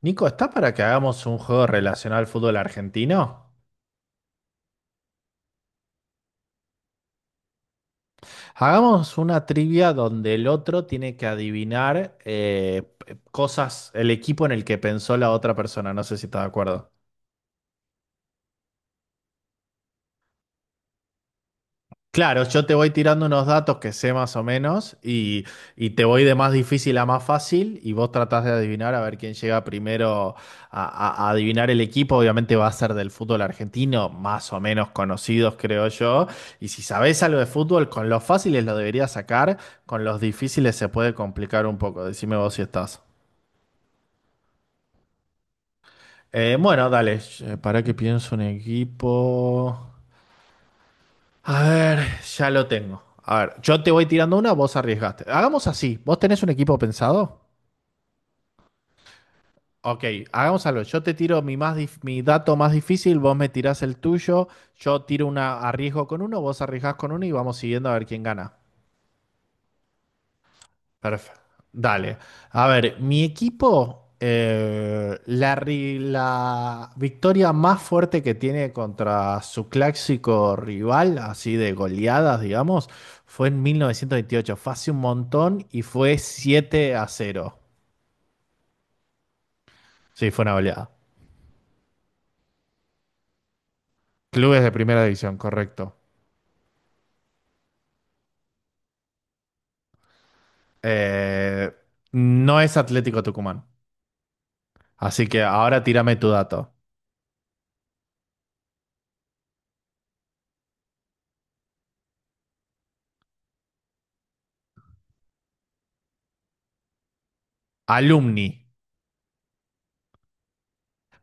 Nico, ¿estás para que hagamos un juego relacionado al fútbol argentino? Hagamos una trivia donde el otro tiene que adivinar cosas, el equipo en el que pensó la otra persona. No sé si estás de acuerdo. Claro, yo te voy tirando unos datos que sé más o menos y te voy de más difícil a más fácil y vos tratás de adivinar a ver quién llega primero a, a adivinar el equipo. Obviamente va a ser del fútbol argentino, más o menos conocidos creo yo. Y si sabés algo de fútbol, con los fáciles lo deberías sacar, con los difíciles se puede complicar un poco. Decime vos si estás. Bueno, dale, para que pienso un equipo. A ver, ya lo tengo. A ver, yo te voy tirando una, vos arriesgaste. Hagamos así. ¿Vos tenés un equipo pensado? Ok, hagamos algo. Yo te tiro mi dato más difícil, vos me tirás el tuyo, yo tiro una, arriesgo con uno, vos arriesgás con uno y vamos siguiendo a ver quién gana. Perfecto. Dale. A ver, mi equipo, la victoria más fuerte que tiene contra su clásico rival, así de goleadas, digamos, fue en 1928. Fue hace un montón y fue 7 a cero. Sí, fue una goleada. Clubes de primera división, correcto. Eh, no es Atlético Tucumán. Así que ahora tírame tu dato. Alumni.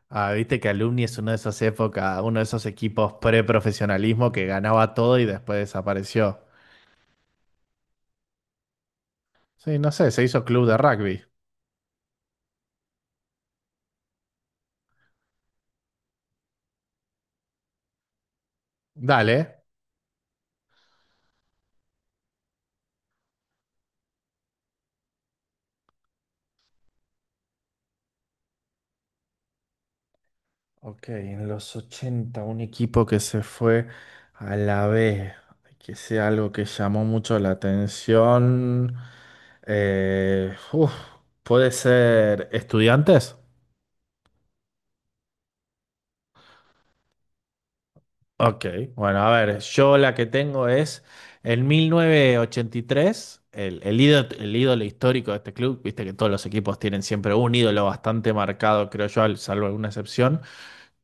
Ah, viste que Alumni es una de esas épocas, uno de esos equipos pre-profesionalismo que ganaba todo y después desapareció. Sí, no sé, se hizo club de rugby. Dale. Ok, en los 80 un equipo que se fue a la B, que sea algo que llamó mucho la atención. Eh, uf, puede ser estudiantes. Ok, bueno, a ver, yo la que tengo es en 1983, el ídolo histórico de este club, viste que todos los equipos tienen siempre un ídolo bastante marcado, creo yo, salvo alguna excepción,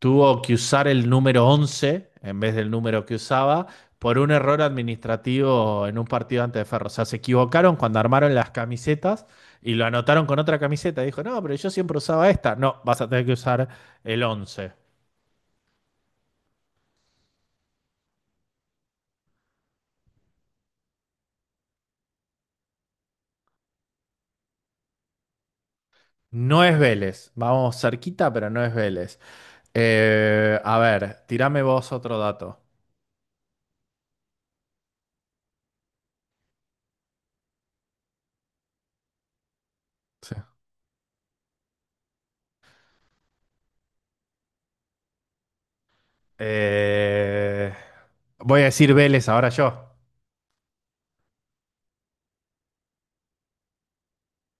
tuvo que usar el número 11 en vez del número que usaba por un error administrativo en un partido antes de Ferro. O sea, se equivocaron cuando armaron las camisetas y lo anotaron con otra camiseta. Dijo, no, pero yo siempre usaba esta. No, vas a tener que usar el 11. No es Vélez. Vamos cerquita, pero no es Vélez. A ver, tirame vos otro dato. Sí. Eh, Voy a decir Vélez ahora yo.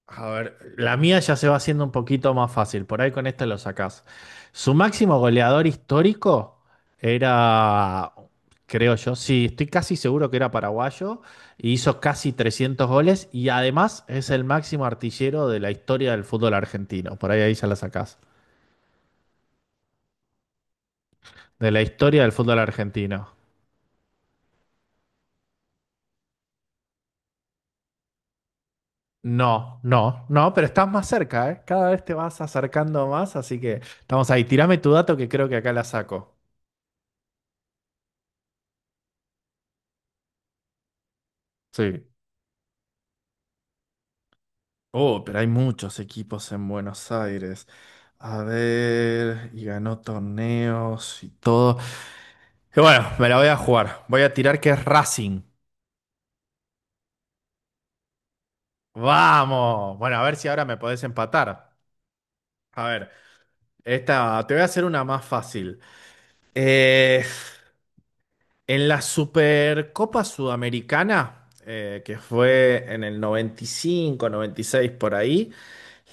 A ver, la mía ya se va haciendo un poquito más fácil. Por ahí con esta lo sacás. Su máximo goleador histórico era, creo yo, sí, estoy casi seguro que era paraguayo. Y hizo casi 300 goles y además es el máximo artillero de la historia del fútbol argentino. Por ahí ahí ya la sacás. De la historia del fútbol argentino. No, no, no, pero estás más cerca, ¿eh? Cada vez te vas acercando más, así que estamos ahí. Tirame tu dato que creo que acá la saco. Sí. Oh, pero hay muchos equipos en Buenos Aires. A ver, y ganó torneos y todo. Y bueno, me la voy a jugar. Voy a tirar que es Racing. Vamos. Bueno, a ver si ahora me podés empatar. A ver, esta, te voy a hacer una más fácil. Eh, En la Supercopa Sudamericana, que fue en el noventa noventa y cinco noventa y seis por ahí,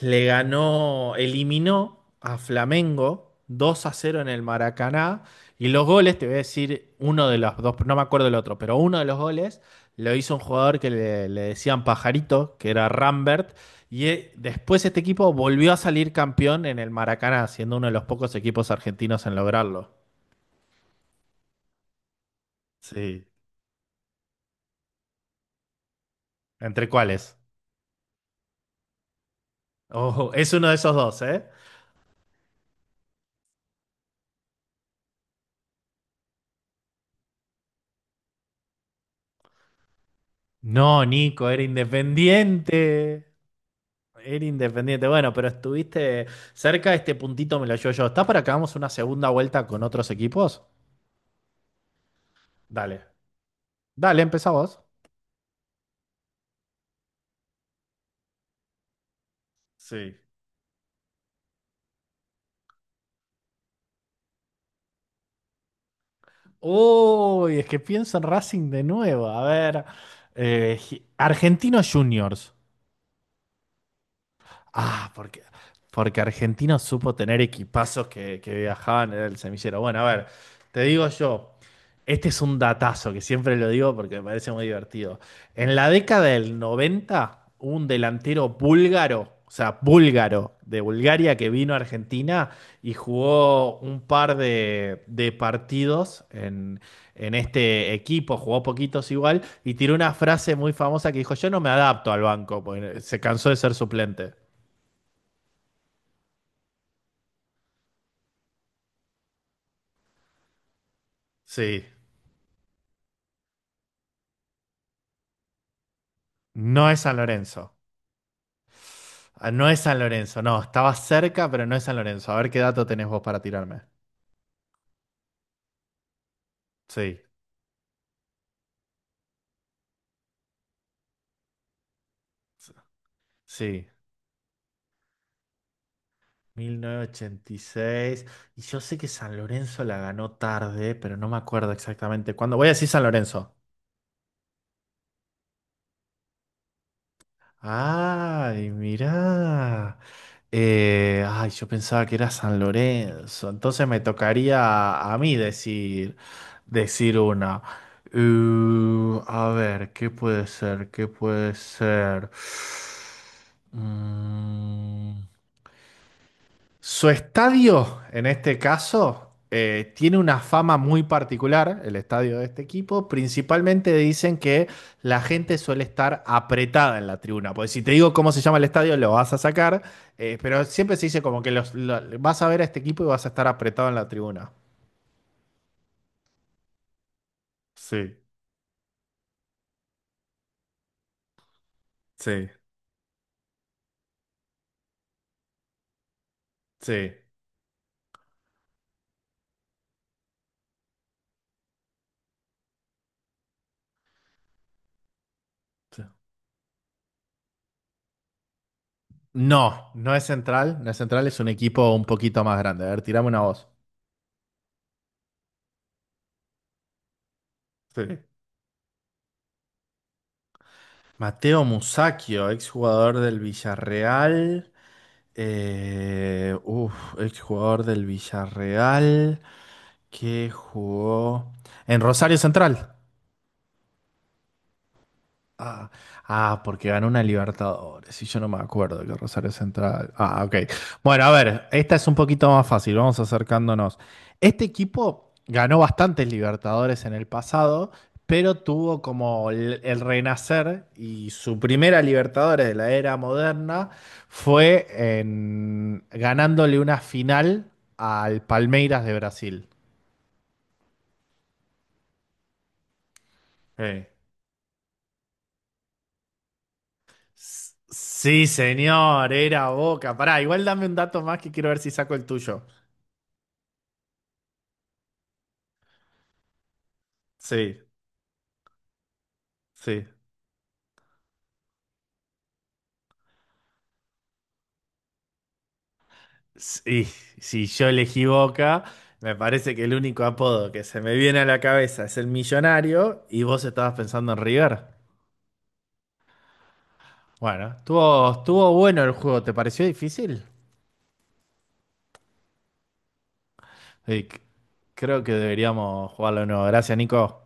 le ganó, eliminó a Flamengo 2 a cero en el Maracaná. Y los goles, te voy a decir uno de los dos, no me acuerdo el otro, pero uno de los goles lo hizo un jugador que le decían Pajarito, que era Rambert. Y después este equipo volvió a salir campeón en el Maracaná, siendo uno de los pocos equipos argentinos en lograrlo. Sí. ¿Entre cuáles? Ojo, es uno de esos dos, ¿eh? No, Nico, era independiente. Era independiente. Bueno, pero estuviste cerca, este puntito me lo llevo yo. ¿Estás para que hagamos una segunda vuelta con otros equipos? Dale. Dale, empezá vos. Sí. Uy, es que pienso en Racing de nuevo. A ver, eh, Argentinos Juniors. Ah, porque, porque Argentina supo tener equipazos que viajaban en el semillero. Bueno, a ver, te digo yo, este es un datazo que siempre lo digo porque me parece muy divertido. En la década del 90, un delantero búlgaro, o sea, búlgaro de Bulgaria que vino a Argentina y jugó un par de partidos en este equipo, jugó poquitos igual, y tiró una frase muy famosa que dijo, yo no me adapto al banco, porque se cansó de ser suplente. Sí, no es San Lorenzo. Ah, no es San Lorenzo, no, estaba cerca, pero no es San Lorenzo. A ver qué dato tenés vos para tirarme. Sí, sí, 1986. Y seis. Y yo sé que San Lorenzo la ganó tarde, pero no me acuerdo exactamente cuándo. Voy a decir San Lorenzo. Ay, mirá. Yo pensaba que era San Lorenzo. Entonces me tocaría a mí decir, decir una. A ver, ¿qué puede ser? ¿Qué puede ser? Mm. Su estadio, en este caso, tiene una fama muy particular, el estadio de este equipo. Principalmente dicen que la gente suele estar apretada en la tribuna. Pues si te digo cómo se llama el estadio, lo vas a sacar. Pero siempre se dice como que vas a ver a este equipo y vas a estar apretado en la tribuna. Sí, sí, sí. Sí. No, no es Central. No es Central, es un equipo un poquito más grande. A ver, tirame una voz. Sí. Mateo Musacchio, exjugador del Villarreal. Eh, uf, exjugador del Villarreal que jugó en Rosario Central. Ah, ah, porque ganó una Libertadores y yo no me acuerdo que Rosario Central. Ah, ok. Bueno, a ver, esta es un poquito más fácil, vamos acercándonos. Este equipo ganó bastantes Libertadores en el pasado, pero tuvo como el renacer y su primera Libertadores de la era moderna fue ganándole una final al Palmeiras de Brasil. Eh. S- Sí, señor, era Boca. Pará, igual dame un dato más que quiero ver si saco el tuyo. Sí, sí. Sí, si yo elegí Boca, me parece que el único apodo que se me viene a la cabeza es el millonario y vos estabas pensando en River. Bueno, estuvo, estuvo bueno el juego, ¿te pareció difícil? Sí, creo que deberíamos jugarlo de nuevo. Gracias, Nico.